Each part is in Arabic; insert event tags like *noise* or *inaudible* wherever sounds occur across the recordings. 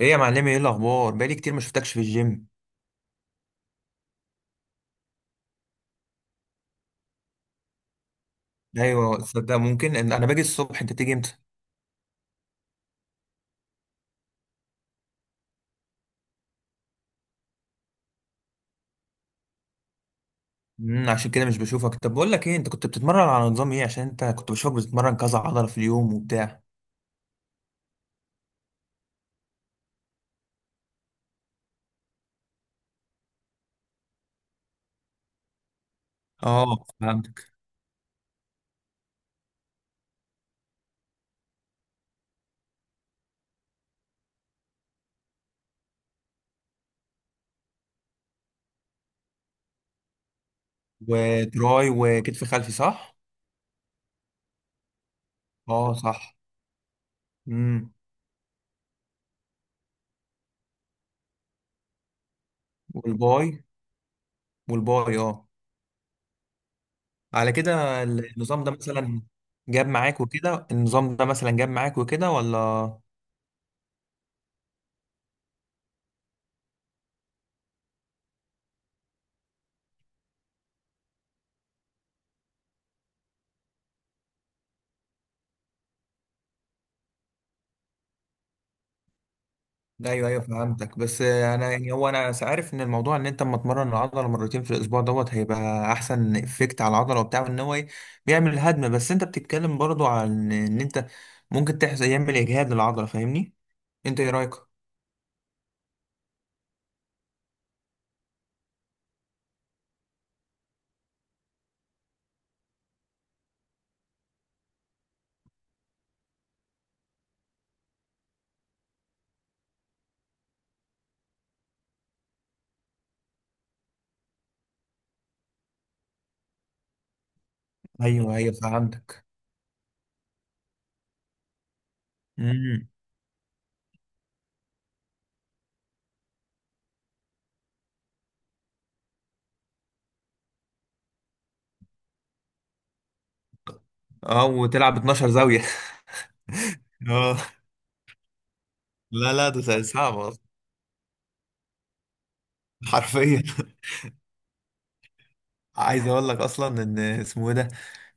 ايه يا معلمي، ايه الاخبار؟ بقالي كتير ما شفتكش في الجيم. ايوه، تصدق ممكن إن انا باجي الصبح انت تيجي امتى؟ عشان كده مش بشوفك. طب بقول لك ايه، انت كنت بتتمرن على نظام ايه؟ عشان انت كنت بشوفك بتتمرن كذا عضله في اليوم وبتاع. اه فهمتك. وتراي وكتف خلفي، صح؟ اه صح. امم. والباي والباي اه. على كده النظام ده مثلا جاب معاك وكده، النظام ده مثلا جاب معاك وكده ولا؟ ايوه ايوه فهمتك، بس انا يعني هو انا عارف ان الموضوع ان انت اما تمرن العضله مرتين في الاسبوع دوت هيبقى احسن افكت على العضله وبتاع، وان هو بيعمل هدم. بس انت بتتكلم برضو عن ان انت ممكن تحصل يعمل اجهاد للعضله فاهمني. انت ايه رايك؟ ايوه ايوه فهمتك. امم. اه وتلعب 12 زاويه *laughs* اه. لا لا، ده صعب أصلاً. حرفيا. عايز اقول لك اصلا ان اسمه إيه ده.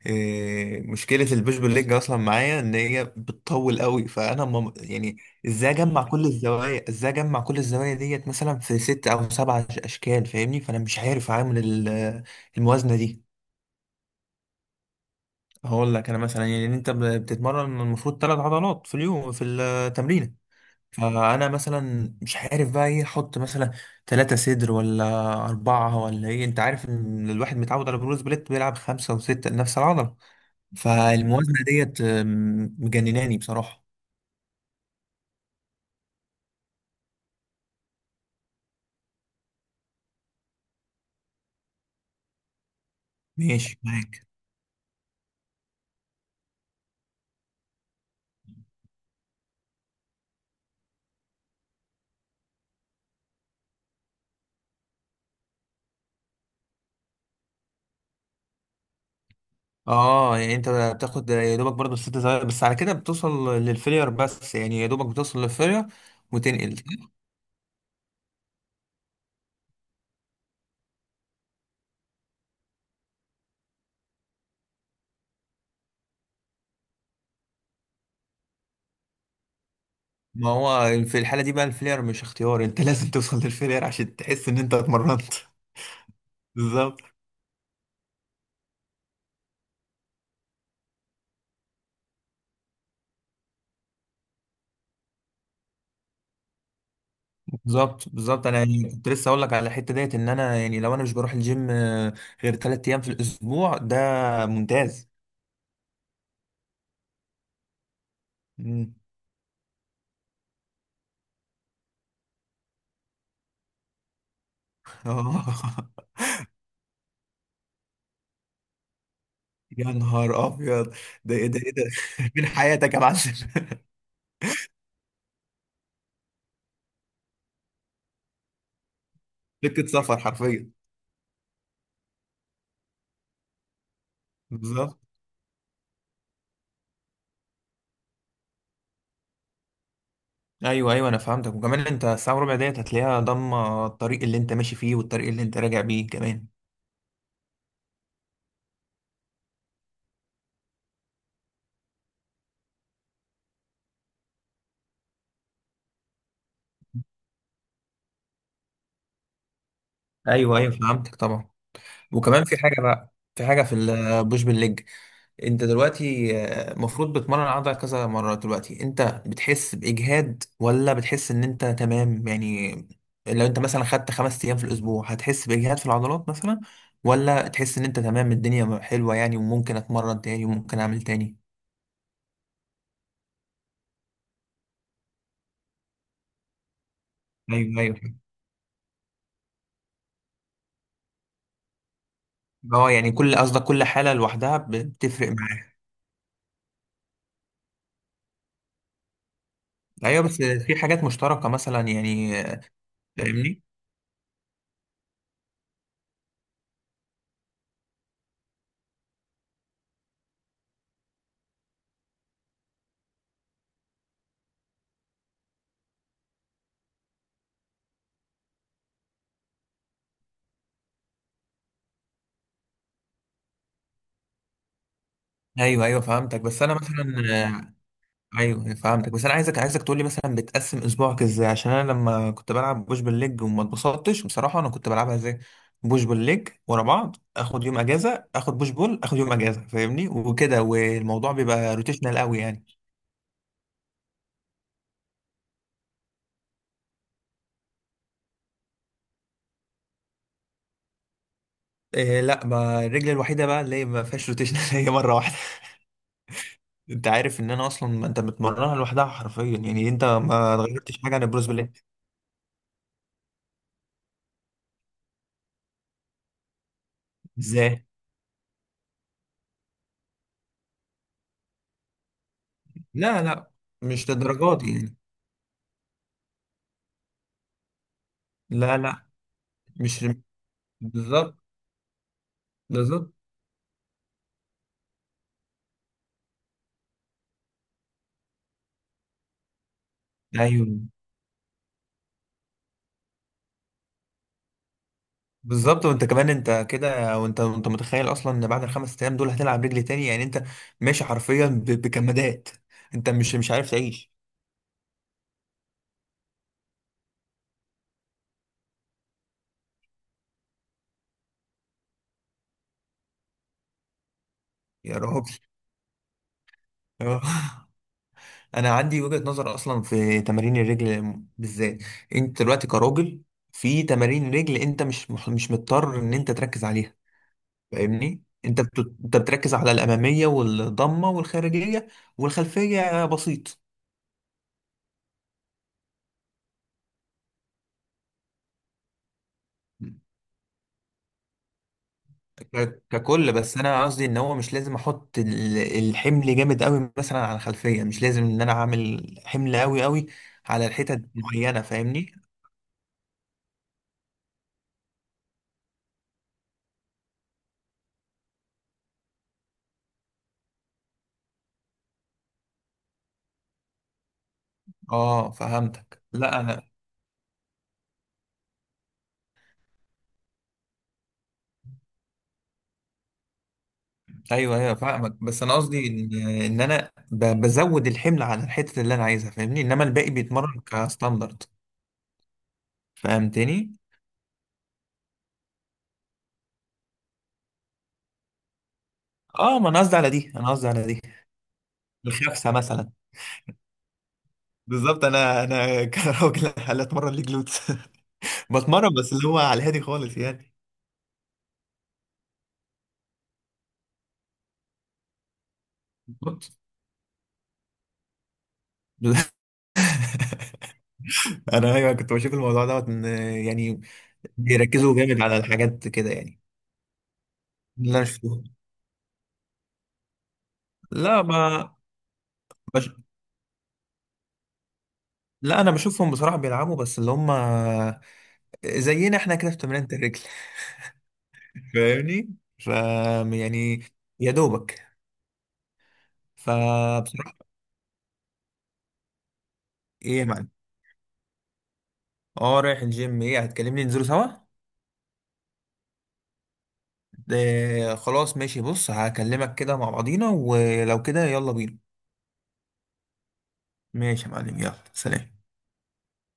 إيه، مشكله البوش بول ليج اصلا معايا ان هي بتطول قوي، فانا يعني ازاي اجمع كل الزوايا؟ ديت مثلا في ست او سبع اشكال فاهمني. فانا مش عارف اعمل الموازنه دي. هقول لك انا مثلا، يعني انت بتتمرن المفروض 3 عضلات في اليوم في التمرين. فانا مثلا مش عارف بقى ايه احط، مثلا ثلاثة صدر ولا أربعة ولا ايه؟ انت عارف ان الواحد متعود على بروز بليت بيلعب خمسة وستة لنفس العضلة. فالموازنة ديت مجنناني بصراحة. ماشي معاك. اه يعني انت بتاخد يا دوبك برضه الستة زي، بس على كده بتوصل للفيلير. بس يعني يا دوبك بتوصل للفيلير وتنقل. ما هو في الحالة دي بقى الفيلير مش اختيار، انت *laughs* لازم توصل للفيلير عشان تحس ان انت اتمرنت *laughs* بالظبط. بالظبط بالظبط، انا يعني كنت لسه اقول لك على الحته ديت، ان انا يعني لو انا مش بروح الجيم غير 3 ايام في الاسبوع ده ممتاز. مم. آه *laughs* يا نهار ابيض. ده ايه ده؟ ايه ده؟ *laughs* فين حياتك يا معلم؟ *laughs* سكه سفر حرفيا. بالظبط. ايوه ايوه انا فهمتك، وكمان انت الساعه وربع ديت هتلاقيها ضامه الطريق اللي انت ماشي فيه والطريق اللي انت راجع بيه كمان. ايوه ايوه فهمتك طبعا. وكمان في حاجه بقى، في حاجه في البوش بالليج. انت دلوقتي المفروض بتمرن العضله كذا مره، دلوقتي انت بتحس باجهاد ولا بتحس ان انت تمام يعني؟ لو انت مثلا خدت 5 ايام في الاسبوع هتحس باجهاد في العضلات مثلا؟ ولا تحس ان انت تمام، الدنيا حلوه يعني، وممكن اتمرن تاني وممكن اعمل تاني؟ ايوه ايوه. اه يعني كل قصدك كل حاله لوحدها بتفرق معاك. ايوه بس في حاجات مشتركه مثلا يعني. فاهمني. ايوه ايوه فهمتك، بس انا مثلا، ايوه فهمتك بس انا عايزك عايزك تقول لي مثلا بتقسم اسبوعك ازاي؟ عشان انا لما كنت بلعب بوش بالليج وما اتبسطتش بصراحه، انا كنت بلعبها ازاي؟ بوش بالليج ورا بعض، اخد يوم اجازه، اخد بوش بول، اخد يوم اجازه فاهمني، وكده، والموضوع بيبقى روتيشنال قوي يعني. إيه لا، ما الرجل الوحيده بقى اللي هي ما فيهاش روتيشنال *laughs* هي مره واحده. انت عارف ان انا اصلا، ما انت بتمرنها لوحدها حرفيا، يعني انت ما غيرتش حاجه عن البروس بالليج. ازاي؟ لا لا، مش للدرجات دي يعني. لا لا. مش بالظبط. بالظبط. ايوه بالظبط. وانت كمان انت كده، وانت متخيل اصلا ان بعد ال5 ايام دول هتلعب رجل تاني يعني؟ انت ماشي حرفيا بكمادات. انت مش عارف تعيش. يا راجل. *laughs* اه. انا عندي وجهة نظر اصلا في تمارين الرجل بالذات. انت دلوقتي كراجل، في تمارين رجل انت مش مضطر ان انت تركز عليها فاهمني. انت بتركز على الاماميه والضمه والخارجيه، والخلفيه بسيط. ككل، بس انا قصدي ان هو مش لازم احط الحمل جامد قوي مثلا على الخلفيه. مش لازم ان انا اعمل حمل قوي قوي على الحتت معينه فاهمني. اه فهمتك. لا انا، ايوه ايوه فاهمك. بس انا قصدي ان، ان انا بزود الحمل على الحتت اللي انا عايزها فاهمني، انما الباقي بيتمرن كستاندرد. فهمتني؟ اه ما انا قصدي على دي، انا قصدي على دي. الخفسه مثلا. بالظبط. انا *laughs* كراجل هل اتمرن ليه جلوتس؟ *laughs* بتمرن بس اللي هو على الهادي خالص يعني. *laughs* انا ايوه كنت بشوف الموضوع دوت ان يعني بيركزوا جامد على الحاجات كده يعني. اللي انا شفتهم. لا ما بش... لا انا بشوفهم بصراحه بيلعبوا بس اللي هم زينا احنا كده في تمرينة الرجل *laughs* فاهمني. ف، يعني يا دوبك، فبصراحه. ايه يا معلم؟ اه رايح الجيم. ايه هتكلمني ننزلوا سوا؟ ده خلاص، ماشي، بص هكلمك كده مع بعضينا، ولو كده يلا بينا. ماشي يا معلم، يلا، سلام.